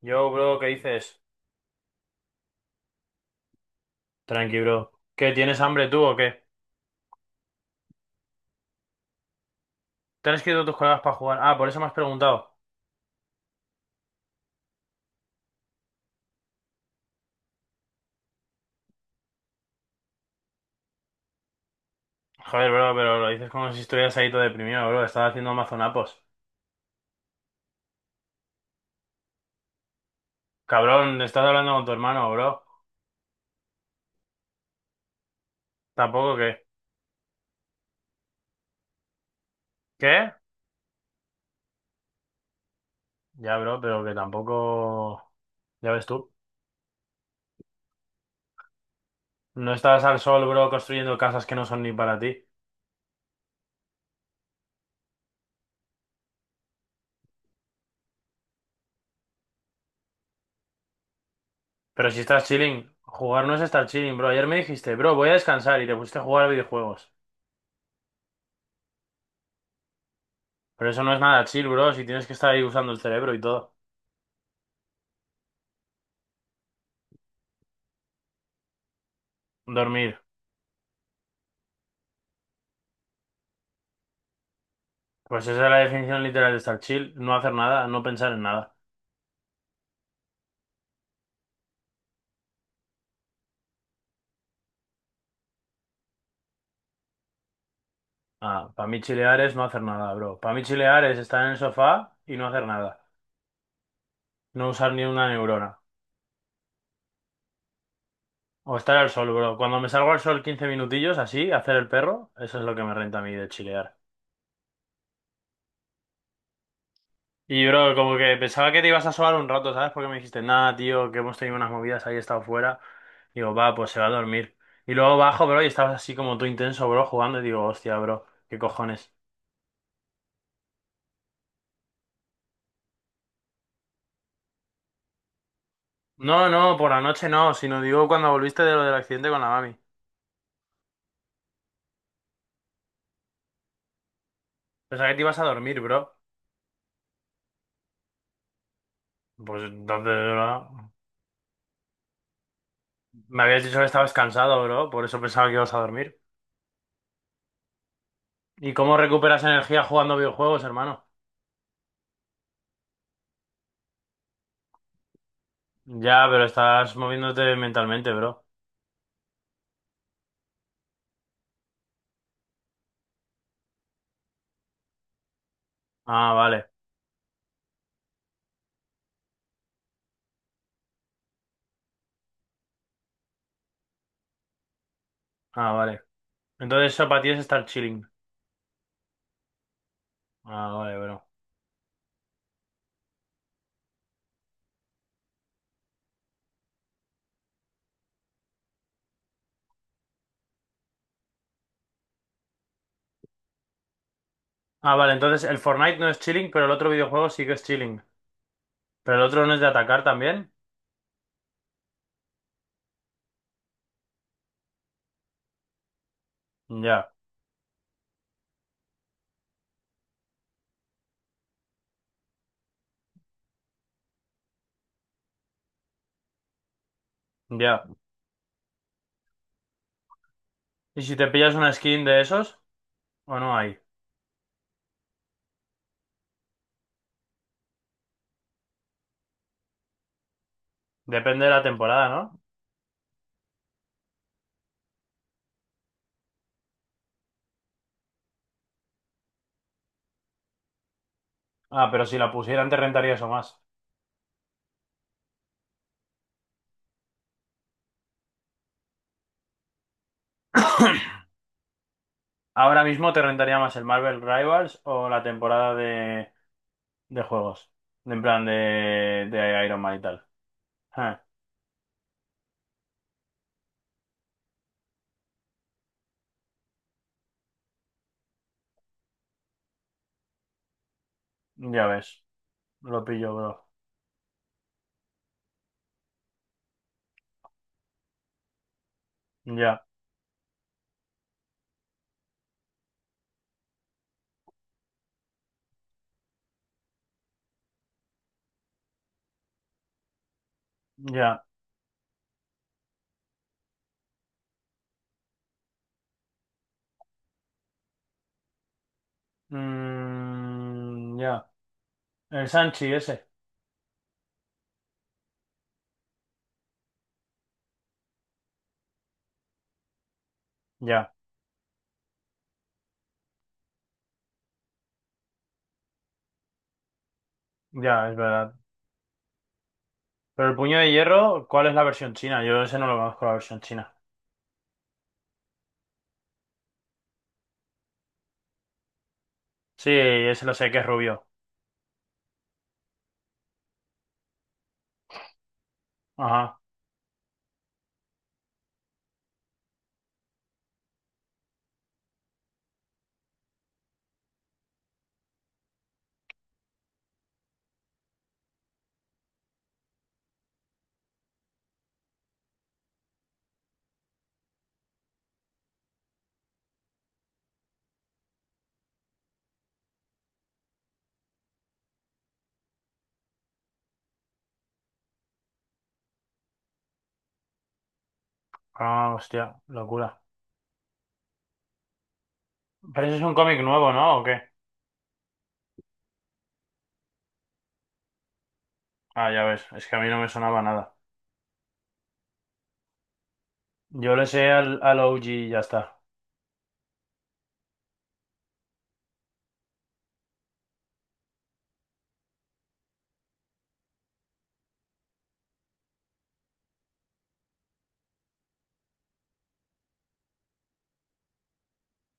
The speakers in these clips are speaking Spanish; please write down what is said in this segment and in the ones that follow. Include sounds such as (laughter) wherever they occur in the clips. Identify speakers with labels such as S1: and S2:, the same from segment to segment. S1: Yo, bro, ¿qué dices? Tranqui, bro. ¿Qué, tienes hambre tú o qué? ¿Te han escrito tus colegas para jugar? Ah, por eso me has preguntado. Joder, bro, pero lo dices como si estuvieras ahí todo deprimido, bro. Estás haciendo mazonapos. Cabrón, estás hablando con tu hermano, bro. Tampoco que... ¿Qué? Ya, bro, pero que tampoco... Ya ves tú. No estás al sol, bro, construyendo casas que no son ni para ti. Pero si estás chilling, jugar no es estar chilling, bro. Ayer me dijiste, bro, voy a descansar y te pusiste a jugar a videojuegos. Pero eso no es nada chill, bro, si tienes que estar ahí usando el cerebro y todo. Dormir. Pues esa es la definición literal de estar chill, no hacer nada, no pensar en nada. Ah, para mí chilear es no hacer nada, bro. Para mí chilear es estar en el sofá y no hacer nada. No usar ni una neurona. O estar al sol, bro. Cuando me salgo al sol 15 minutillos, así, hacer el perro, eso es lo que me renta a mí de chilear. Y, bro, como que pensaba que te ibas a sobar un rato, ¿sabes? Porque me dijiste, nada, tío, que hemos tenido unas movidas, ahí he estado fuera. Digo, va, pues se va a dormir. Y luego bajo, bro, y estabas así como tú intenso, bro, jugando. Y digo, hostia, bro, qué cojones. No, no, por la noche no, sino digo cuando volviste de lo del accidente con la mami. Pensaba que te ibas a dormir, bro. Pues entonces, bro, me habías dicho que estabas cansado, bro, por eso pensaba que ibas a dormir. ¿Y cómo recuperas energía jugando videojuegos, hermano? Ya, pero estás moviéndote mentalmente, bro. Ah, vale, ah, vale. Entonces eso para ti es estar chilling. Ah, vale, bro. Ah, vale, entonces el Fortnite no es chilling, pero el otro videojuego sí que es chilling. ¿Pero el otro no es de atacar también? Ya, ya. ¿Y si te pillas una skin de esos? ¿O no hay? Depende de la temporada, ¿no? Ah, pero si la pusieran te rentaría eso más. (coughs) Ahora mismo te rentaría más el Marvel Rivals o la temporada de juegos. En plan de Iron Man y tal. Ah, ya ves. Lo pillo, bro. Ya, ya. Mm, ya. El Sanchi ese. Ya, ya, es verdad. Pero el puño de hierro, ¿cuál es la versión china? Yo ese no lo conozco, la versión china. Sí, ese lo sé que es rubio. Ajá. Ah, hostia, locura. Pero ese es un cómic nuevo, ¿no? ¿O qué? Ah, ya ves, es que a mí no me sonaba nada. Yo le sé al OG y ya está.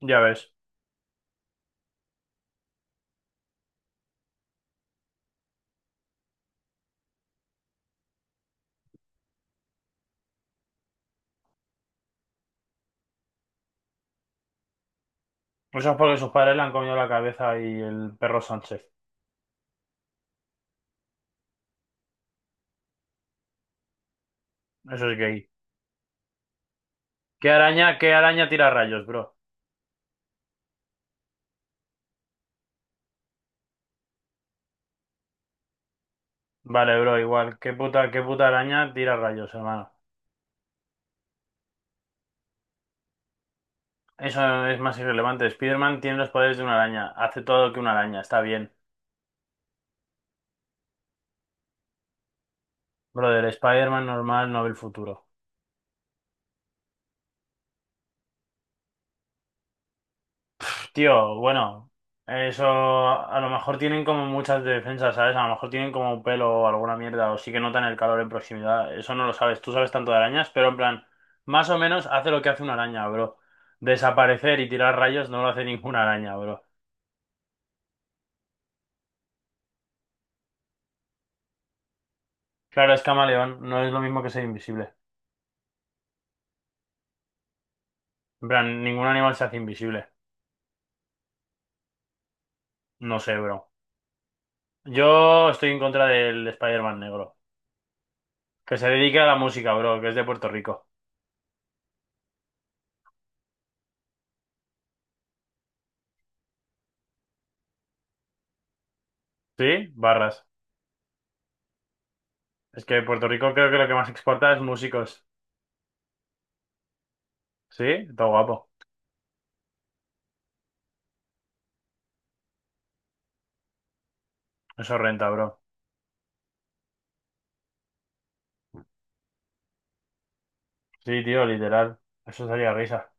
S1: Ya ves. Eso es porque sus padres le han comido la cabeza y el perro Sánchez. Eso es gay. ¿Qué araña tira rayos, bro? Vale, bro, igual. ¿Qué puta araña tira rayos, hermano? Eso es más irrelevante. Spider-Man tiene los poderes de una araña. Hace todo lo que una araña. Está bien. Brother, Spider-Man normal no ve el futuro. Tío, bueno, eso a lo mejor tienen como muchas defensas, ¿sabes? A lo mejor tienen como un pelo o alguna mierda, o sí que notan el calor en proximidad. Eso no lo sabes. Tú sabes tanto de arañas, pero en plan, más o menos hace lo que hace una araña, bro. Desaparecer y tirar rayos no lo hace ninguna araña, bro. Claro, es camaleón, no es lo mismo que ser invisible. En plan, ningún animal se hace invisible. No sé, bro. Yo estoy en contra del Spider-Man negro, que se dedica a la música, bro, que es de Puerto Rico. ¿Sí? Barras. Es que Puerto Rico creo que lo que más exporta es músicos. ¿Sí? Todo guapo. Eso renta, bro. Sí, tío, literal. Eso sería risa.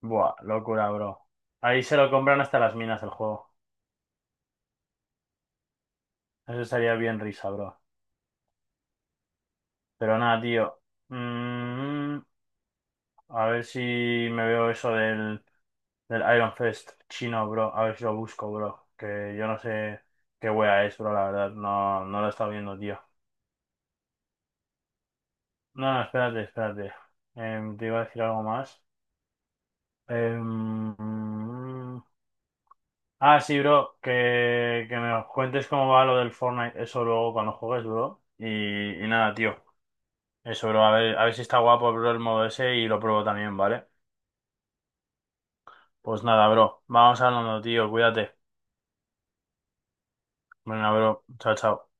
S1: Buah, locura, bro. Ahí se lo compran hasta las minas el juego. Eso sería bien risa, bro. Pero nada, tío. Mm, a ver si me veo eso del Iron Fest chino, bro. A ver si lo busco, bro. Que yo no sé qué wea es, bro, la verdad. No, no lo he estado viendo, tío. No, no, espérate, espérate. Te iba a decir algo más. Em, Ah, sí, bro, que me cuentes cómo va lo del Fortnite, eso luego cuando juegues, bro. Y nada, tío. Eso, bro, a ver si está guapo, bro, el modo ese y lo pruebo también, ¿vale? Pues nada, bro, vamos hablando, tío, cuídate. Venga, bro, chao, chao.